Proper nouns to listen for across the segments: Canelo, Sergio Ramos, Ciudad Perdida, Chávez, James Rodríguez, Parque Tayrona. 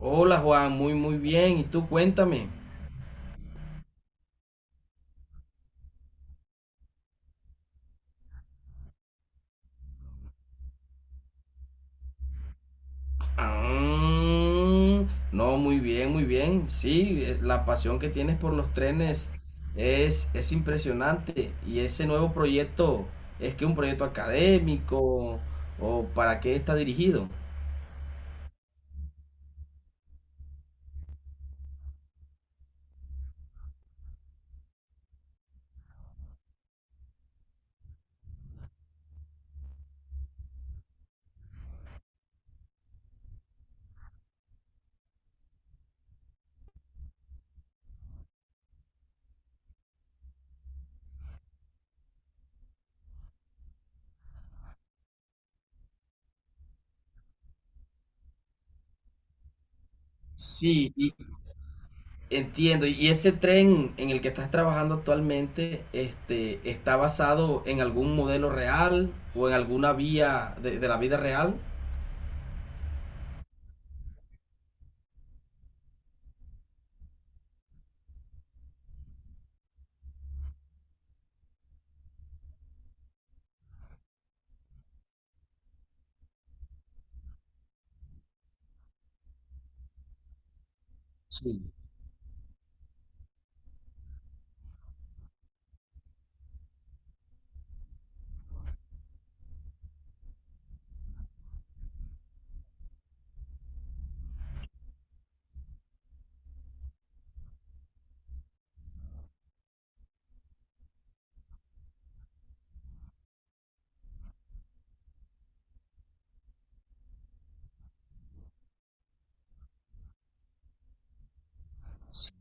Hola Juan, muy muy bien. ¿Y tú cuéntame? Ah, no, muy bien, muy bien. Sí, la pasión que tienes por los trenes es impresionante. Y ese nuevo proyecto, ¿es que un proyecto académico o para qué está dirigido? Sí, y- Entiendo. ¿Y ese tren en el que estás trabajando actualmente, este, está basado en algún modelo real o en alguna vía de la vida real? Sí, sí.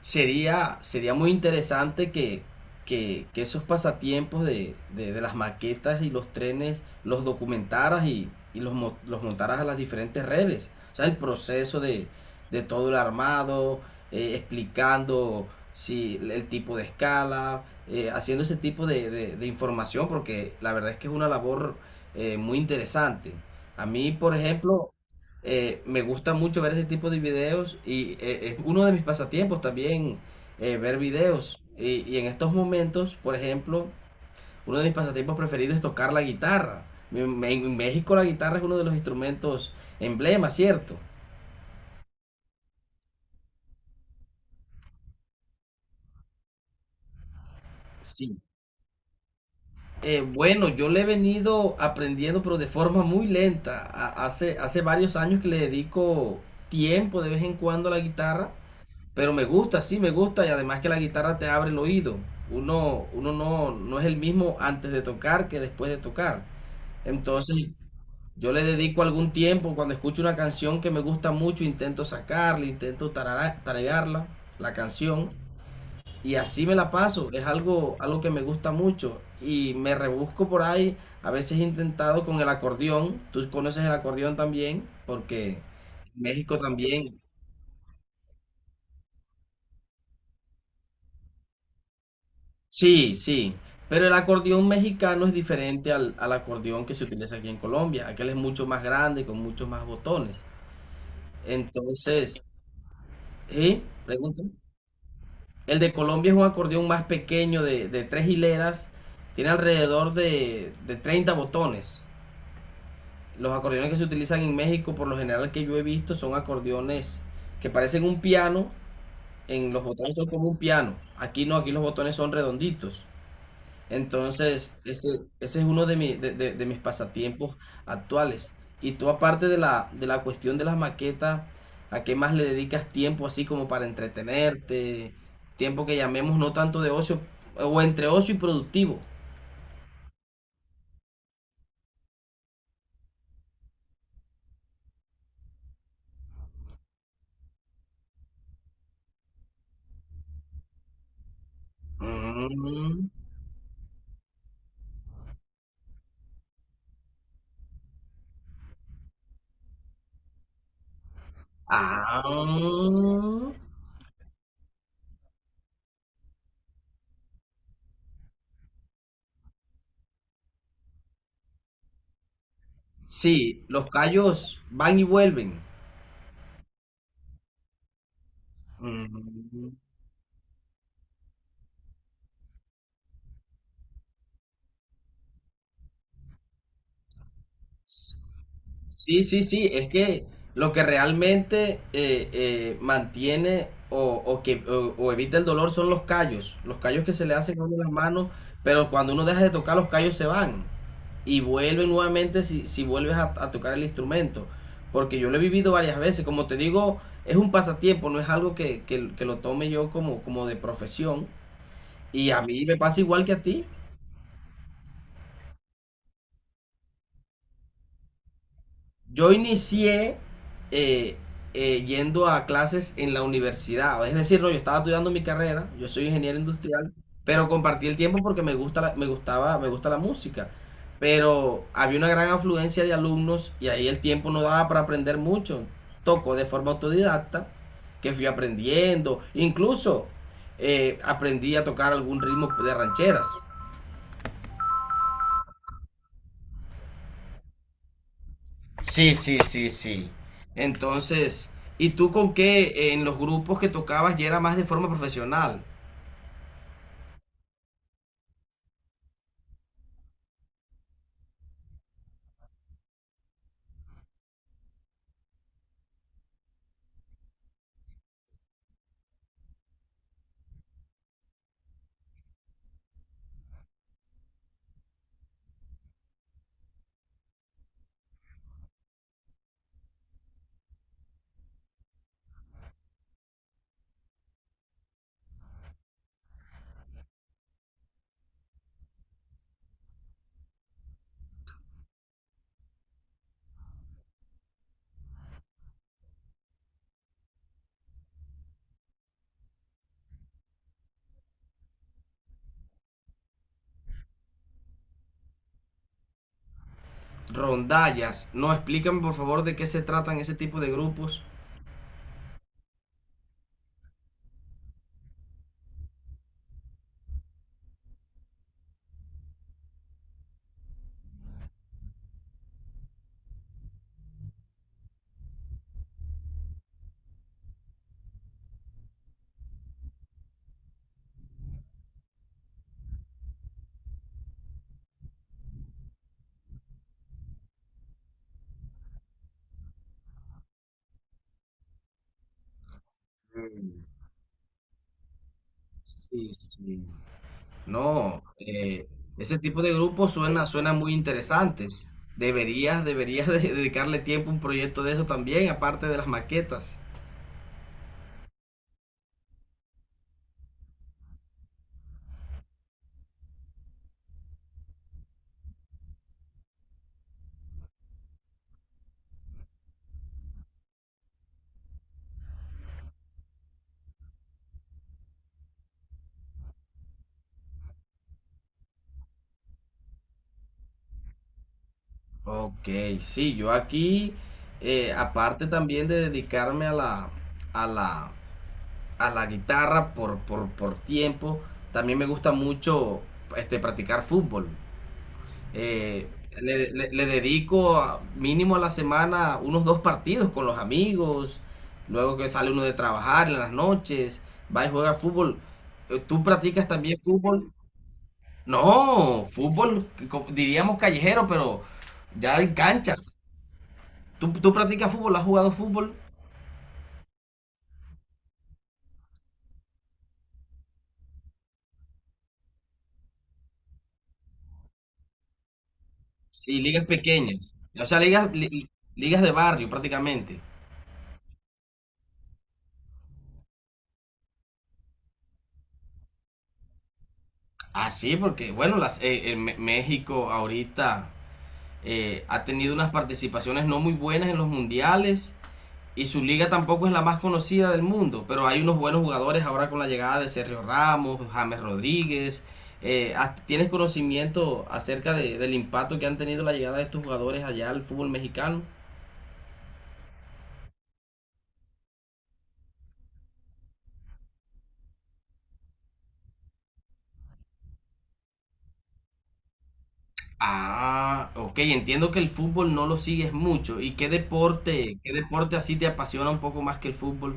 Sería, sería muy interesante que esos pasatiempos de las maquetas y los trenes los documentaras y los, los montaras a las diferentes redes. O sea, el proceso de todo el armado, explicando si el tipo de escala, haciendo ese tipo de, de información, porque la verdad es que es una labor muy interesante. A mí, por ejemplo, me gusta mucho ver ese tipo de videos y es uno de mis pasatiempos también ver videos. Y en estos momentos, por ejemplo, uno de mis pasatiempos preferidos es tocar la guitarra. En México la guitarra es uno de los instrumentos emblema, ¿cierto? Sí. Bueno, yo le he venido aprendiendo, pero de forma muy lenta. Hace varios años que le dedico tiempo de vez en cuando a la guitarra. Pero me gusta, sí, me gusta y además que la guitarra te abre el oído. Uno no es el mismo antes de tocar que después de tocar. Entonces, yo le dedico algún tiempo, cuando escucho una canción que me gusta mucho, intento sacarla, intento tararearla, la canción, y así me la paso. Algo que me gusta mucho y me rebusco por ahí. A veces he intentado con el acordeón, tú conoces el acordeón también, porque en México también. Sí, sí, pero el acordeón mexicano es diferente al acordeón que se utiliza aquí en Colombia. Aquel es mucho más grande, con muchos más botones. Entonces, ¿sí? Pregunta. El de Colombia es un acordeón más pequeño de tres hileras, tiene alrededor de 30 botones. Los acordeones que se utilizan en México, por lo general que yo he visto, son acordeones que parecen un piano, en los botones son como un piano. Aquí no, aquí los botones son redonditos. Entonces, ese es uno de, de mis pasatiempos actuales. Y tú, aparte de la cuestión de las maquetas, ¿a qué más le dedicas tiempo así como para entretenerte? Tiempo que llamemos no tanto de ocio, o entre ocio y productivo. Mm. Ah. Sí, los callos van y vuelven. Mm. Sí, sí, sí, es que lo que realmente mantiene o que, o evita el dolor son los callos que se le hacen a uno en las manos, pero cuando uno deja de tocar los callos se van y vuelven nuevamente si, si vuelves a tocar el instrumento, porque yo lo he vivido varias veces, como te digo, es un pasatiempo, no es algo que lo tome yo como, como de profesión, y a mí me pasa igual que a ti. Yo inicié eh, yendo a clases en la universidad. Es decir, no, yo estaba estudiando mi carrera, yo soy ingeniero industrial, pero compartí el tiempo porque me gustaba, me gusta la música. Pero había una gran afluencia de alumnos y ahí el tiempo no daba para aprender mucho. Toco de forma autodidacta, que fui aprendiendo. Incluso aprendí a tocar algún ritmo de rancheras. Sí, sí, sí, sí. Entonces, ¿y tú con qué en los grupos que tocabas ya era más de forma profesional? Rondallas. No, explícame por favor de qué se tratan ese tipo de grupos. Mm. Sí, sí. No, ese tipo de grupos suena, suena muy interesantes. Deberías, deberías dedicarle tiempo a un proyecto de eso también, aparte de las maquetas. Ok, sí, yo aquí, aparte también de dedicarme a la, a la guitarra por tiempo. También me gusta mucho este, practicar fútbol. Eh, Le, le dedico mínimo a la semana unos dos partidos con los amigos. Luego que sale uno de trabajar en las noches, va y juega fútbol. ¿Tú practicas también fútbol? No, fútbol diríamos callejero, pero ya en canchas. Tú practicas fútbol? ¿Has jugado fútbol? Sí, ligas pequeñas. O sea, ligas de barrio prácticamente. Ah, sí, porque bueno, las, en México ahorita ha tenido unas participaciones no muy buenas en los mundiales y su liga tampoco es la más conocida del mundo, pero hay unos buenos jugadores ahora con la llegada de Sergio Ramos, James Rodríguez. Tienes conocimiento acerca del impacto que han tenido la llegada de estos jugadores allá al fútbol mexicano? Ah, ok, entiendo que el fútbol no lo sigues mucho. ¿Y qué deporte así te apasiona un poco más que el fútbol?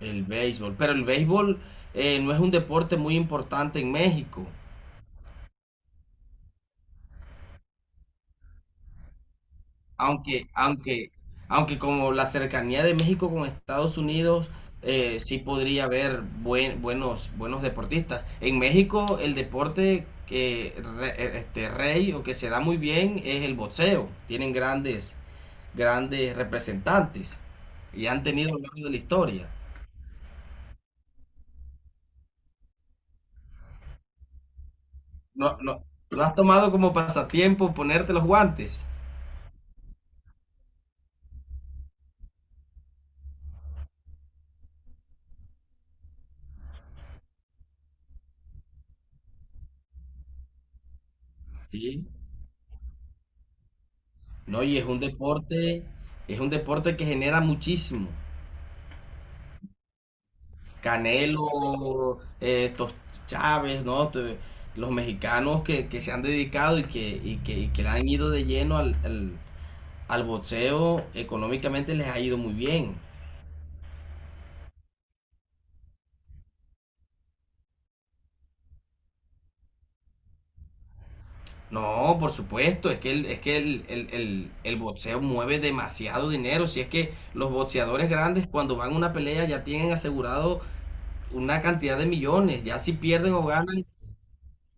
El béisbol, pero el béisbol no es un deporte muy importante en México, aunque, aunque, aunque como la cercanía de México con Estados Unidos, sí podría haber buenos, buenos deportistas. En México el deporte que este, rey o que se da muy bien es el boxeo. Tienen grandes, grandes representantes y han tenido a lo largo de la historia. No, no, ¿no has tomado como pasatiempo ponerte los guantes? Sí. No, y es un deporte que genera muchísimo. Canelo, estos Chávez, ¿no? Los mexicanos que se han dedicado y y que le han ido de lleno al boxeo, económicamente les ha ido muy bien. No, por supuesto, es que el boxeo mueve demasiado dinero. Si es que los boxeadores grandes cuando van a una pelea ya tienen asegurado una cantidad de millones. Ya si pierden o ganan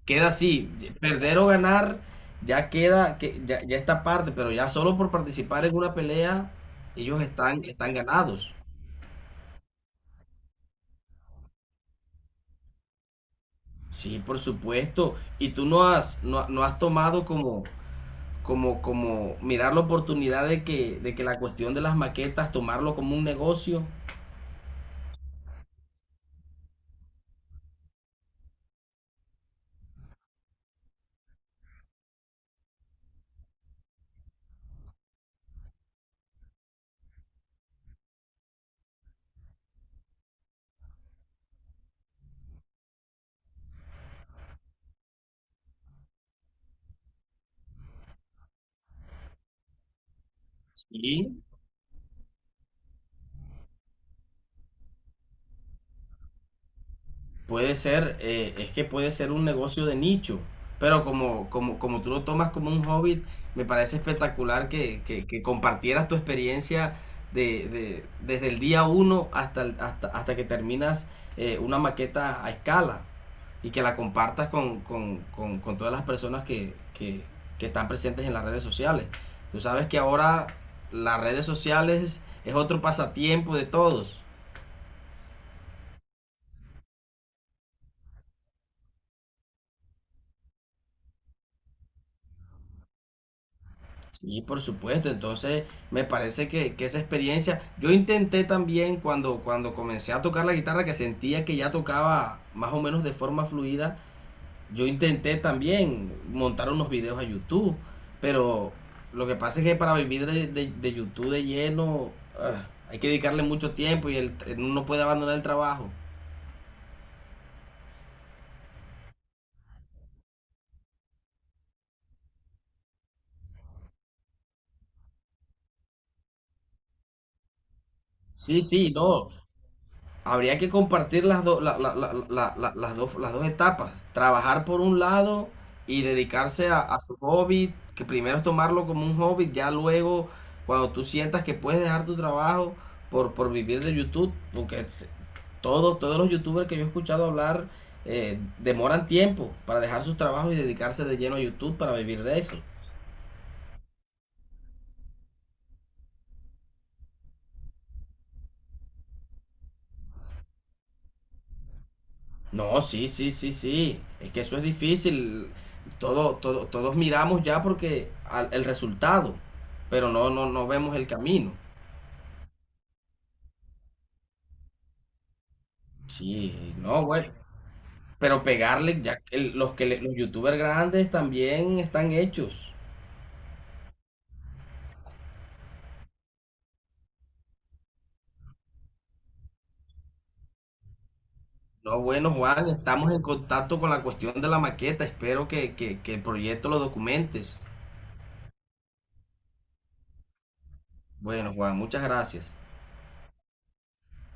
queda así, perder o ganar, ya queda, que, ya, ya está aparte, pero ya solo por participar en una pelea, ellos están, están ganados. Sí, por supuesto. Y tú no has, no, no has tomado como, como, como mirar la oportunidad de que la cuestión de las maquetas, tomarlo como un negocio. Sí. Puede ser, es que puede ser un negocio de nicho, pero como, como, como tú lo tomas como un hobby, me parece espectacular que compartieras tu experiencia desde el día 1 hasta, hasta que terminas una maqueta a escala y que la compartas con todas las personas que están presentes en las redes sociales. Tú sabes que ahora las redes sociales es otro pasatiempo de todos. Y por supuesto, entonces me parece que esa experiencia, yo intenté también cuando, cuando comencé a tocar la guitarra, que sentía que ya tocaba más o menos de forma fluida, yo intenté también montar unos videos a YouTube, pero lo que pasa es que para vivir de, de YouTube de lleno, ah, hay que dedicarle mucho tiempo y el, uno no puede abandonar el trabajo. Sí, sí, no. Habría que compartir las, las dos las dos etapas. Trabajar por un lado y dedicarse a su hobby, que primero es tomarlo como un hobby, ya luego cuando tú sientas que puedes dejar tu trabajo por vivir de YouTube, porque todos, todos los youtubers que yo he escuchado hablar demoran tiempo para dejar sus trabajos y dedicarse de lleno a YouTube para vivir de eso. No, sí, sí, sí, sí. Es que eso es difícil. Todo, todo, todos miramos ya porque el resultado, pero no, no, no vemos el camino. Sí, no, bueno. Pero pegarle, ya que los youtubers grandes también están hechos. No, bueno, Juan, estamos en contacto con la cuestión de la maqueta. Espero que el proyecto lo documentes. Bueno, Juan, muchas gracias.